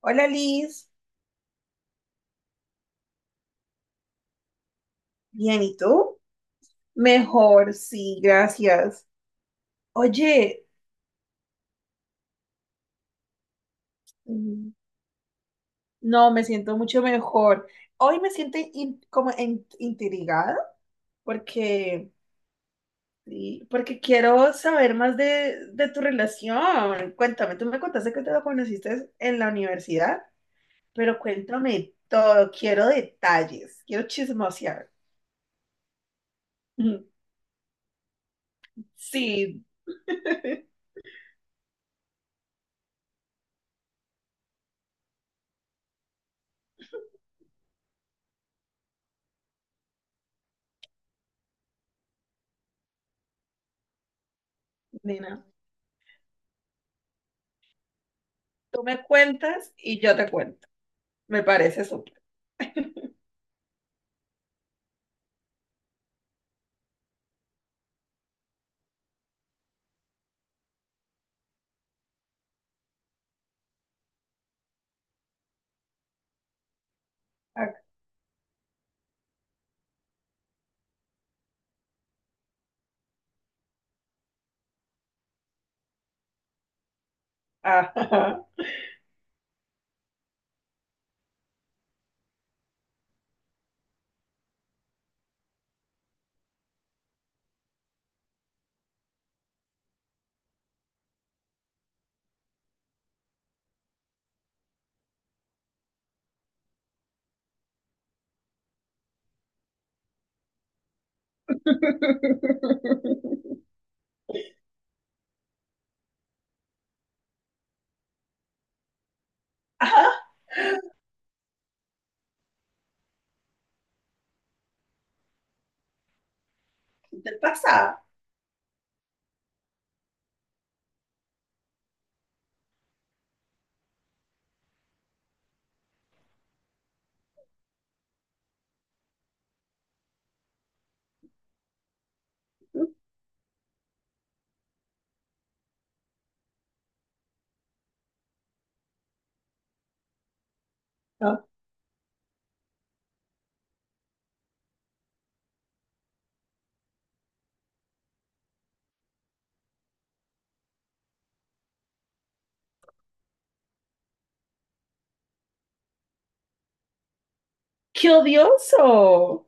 Hola Liz, bien, ¿y tú? Mejor, sí, gracias. Oye, mm, no, me siento mucho mejor. Hoy me siento intrigada porque, sí, porque quiero saber más de tu relación. Cuéntame, tú me contaste que te lo conociste en la universidad, pero cuéntame todo, quiero detalles, quiero chismosear. Sí, Nina, tú me cuentas y yo te cuento. Me parece súper. Ah, ajá. Ajá. ¿Qué te pasa? ¡Qué odioso!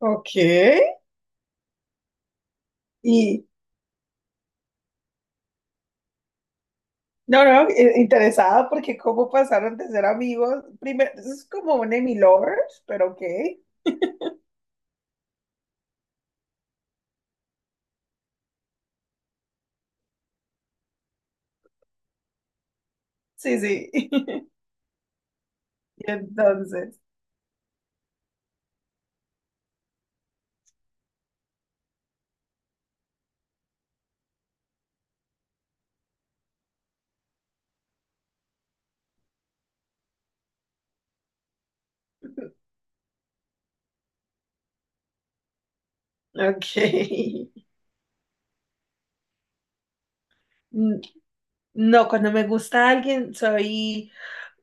Ok. ¿Y, no, interesada porque cómo pasaron de ser amigos. Primero, es como un Emmy lovers, pero ok. Sí, sí. Entonces, ok. N- No, cuando me gusta alguien soy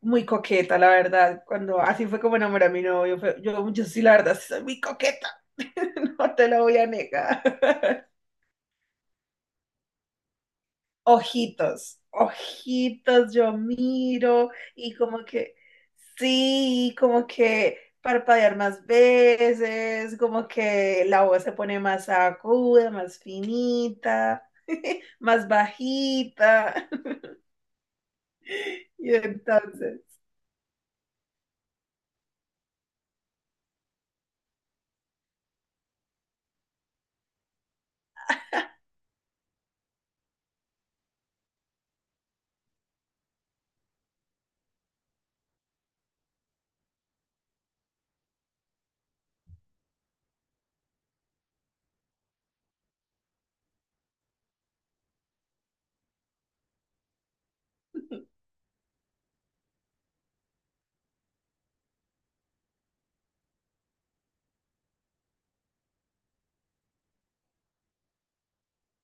muy coqueta, la verdad. Cuando así fue como enamoré a mi novio, yo sí, la verdad, sí soy muy coqueta. No te lo voy a negar. Ojitos, ojitos, yo miro y como que, sí, como que parpadear más veces, como que la voz se pone más aguda, más finita, más bajita. Y entonces,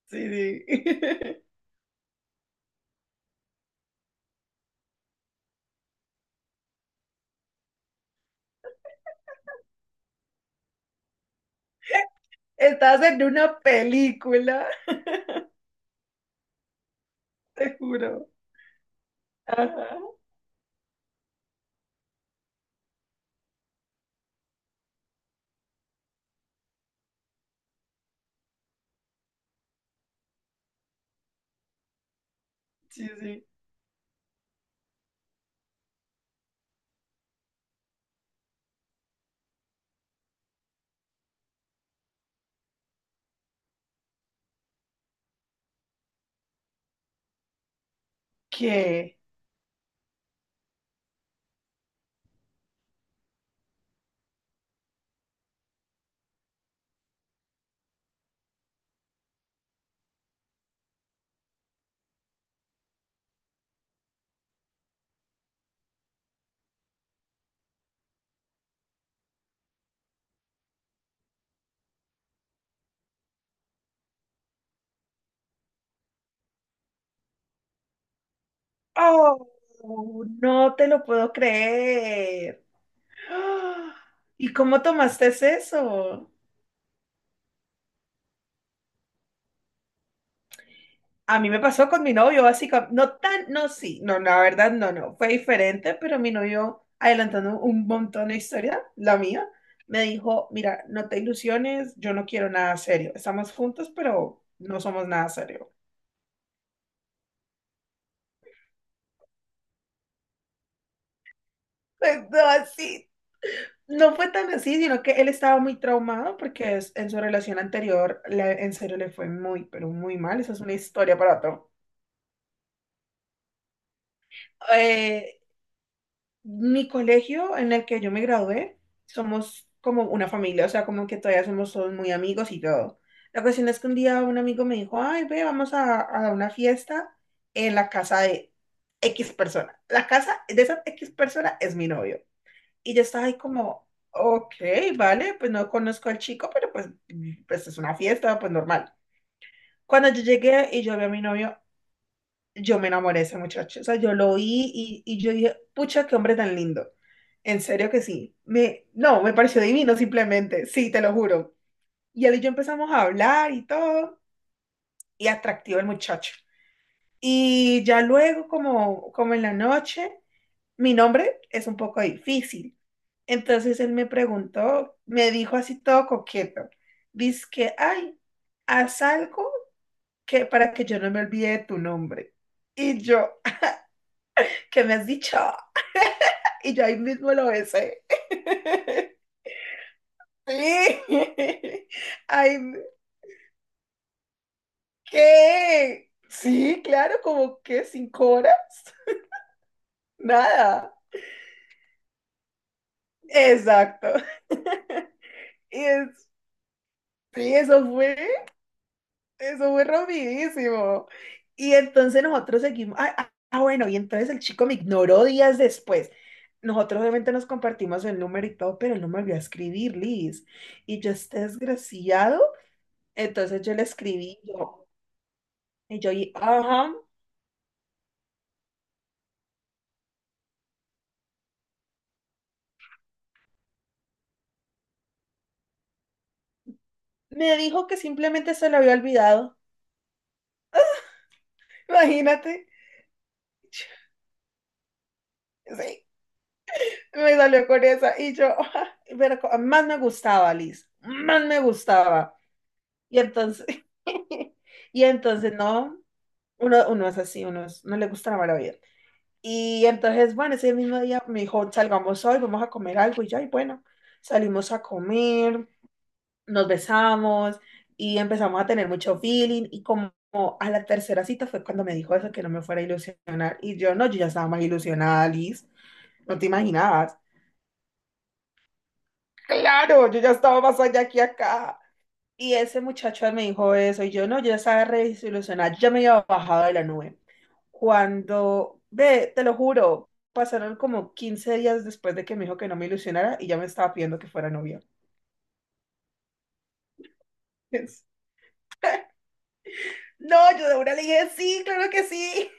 sí, sí. Estás en una película, te juro. Ajá, sí, sí. ¿Qué? Oh, no te lo puedo creer. ¡Ah! ¿Y cómo tomaste eso? A mí me pasó con mi novio, básicamente. No tan, no, sí, no, la verdad, no, no. Fue diferente, pero mi novio, adelantando un montón de historia, la mía, me dijo: mira, no te ilusiones, yo no quiero nada serio. Estamos juntos, pero no somos nada serio. Pues no, así. No fue tan así, sino que él estaba muy traumado porque en su relación anterior, en serio, le fue muy, pero muy mal. Esa es una historia para otro. Eh, Mi colegio en el que yo me gradué, somos como una familia, o sea, como que todavía somos todos muy amigos y todo. La cuestión es que un día un amigo me dijo, ay, ve, vamos a una fiesta en la casa de X persona. La casa de esa X persona es mi novio. Y yo estaba ahí como, ok, vale, pues no conozco al chico, pero pues, pues es una fiesta, pues normal. Cuando yo llegué y yo vi a mi novio, yo me enamoré de ese muchacho. O sea, yo lo vi y yo dije, pucha, qué hombre tan lindo. En serio que sí. Me, no, me pareció divino simplemente. Sí, te lo juro. Y él y yo empezamos a hablar y todo. Y atractivo el muchacho. Y ya luego, como en la noche, mi nombre es un poco difícil. Entonces él me preguntó, me dijo así todo coqueto. Dice que, ay, haz algo que para que yo no me olvide de tu nombre. Y yo, ¿qué me has dicho? Y yo ahí mismo lo besé. Sí. Ay, ¿qué? Sí, claro, como que 5 horas. Nada. Exacto. Y es- sí, eso fue rompidísimo. Y entonces nosotros seguimos. Ah, ah, ah, bueno, y entonces el chico me ignoró días después. Nosotros obviamente nos compartimos el número y todo, pero él no me volvió a escribir, Liz. Y yo, este desgraciado. Entonces yo le escribí, yo, y, ajá, me dijo que simplemente se lo había olvidado. Imagínate. Sí, me salió con esa y yo, pero más me gustaba, Liz, más me gustaba. Y entonces, y entonces no, uno es así, uno es- no le gusta la mala vida. Y entonces, bueno, ese mismo día me dijo, salgamos hoy, vamos a comer algo. Y yo, ay, bueno, salimos a comer. Nos besamos y empezamos a tener mucho feeling y como a la tercera cita fue cuando me dijo eso, que no me fuera a ilusionar y yo no, yo ya estaba más ilusionada, Liz, no te imaginabas. Claro, yo ya estaba más allá que acá. Y ese muchacho él me dijo eso y yo no, yo ya estaba re desilusionada, yo ya me había bajado de la nube. Cuando, ve, te lo juro, pasaron como 15 días después de que me dijo que no me ilusionara y ya me estaba pidiendo que fuera novia. No, yo de una le dije, sí, claro que sí.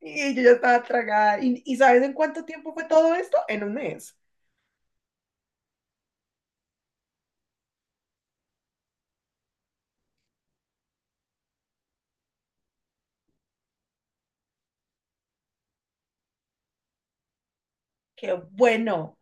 Y yo ya estaba tragada. Y sabes en cuánto tiempo fue todo esto? En un mes. Qué bueno.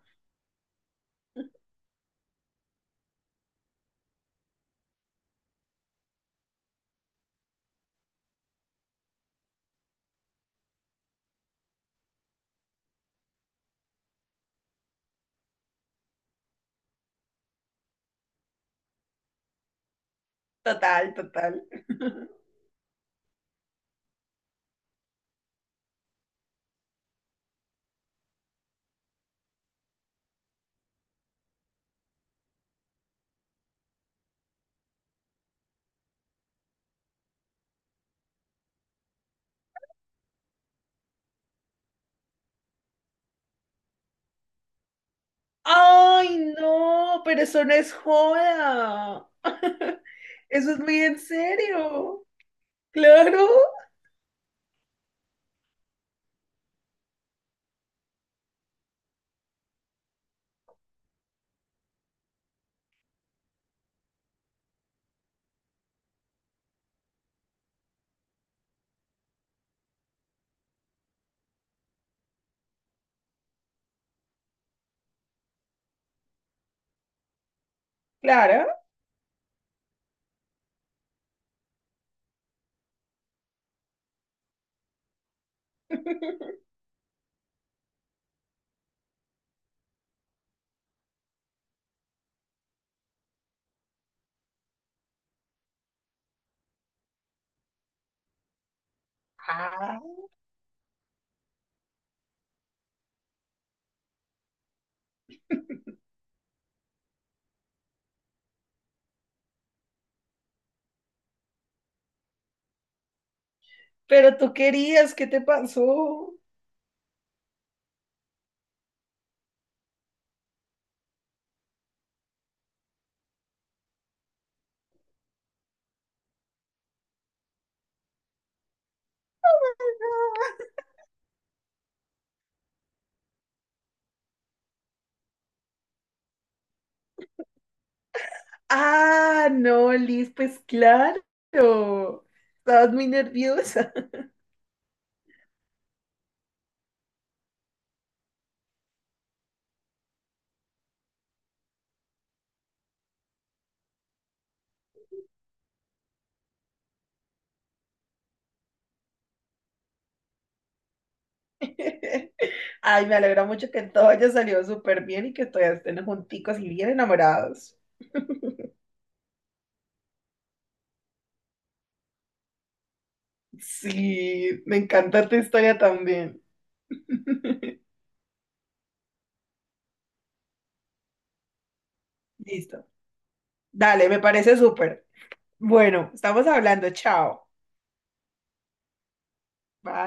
Total, total. Ay, no, pero eso no es joda. Eso es muy en serio. Claro, claro. Ah, pero tú querías, ¿qué te pasó? Ah, no, Liz, pues claro. Estabas muy nerviosa. Ay, me alegra mucho que todo haya salido súper bien y que todavía estén junticos y bien enamorados. Sí, me encanta tu historia también. Listo. Dale, me parece súper. Bueno, estamos hablando. Chao. Bye.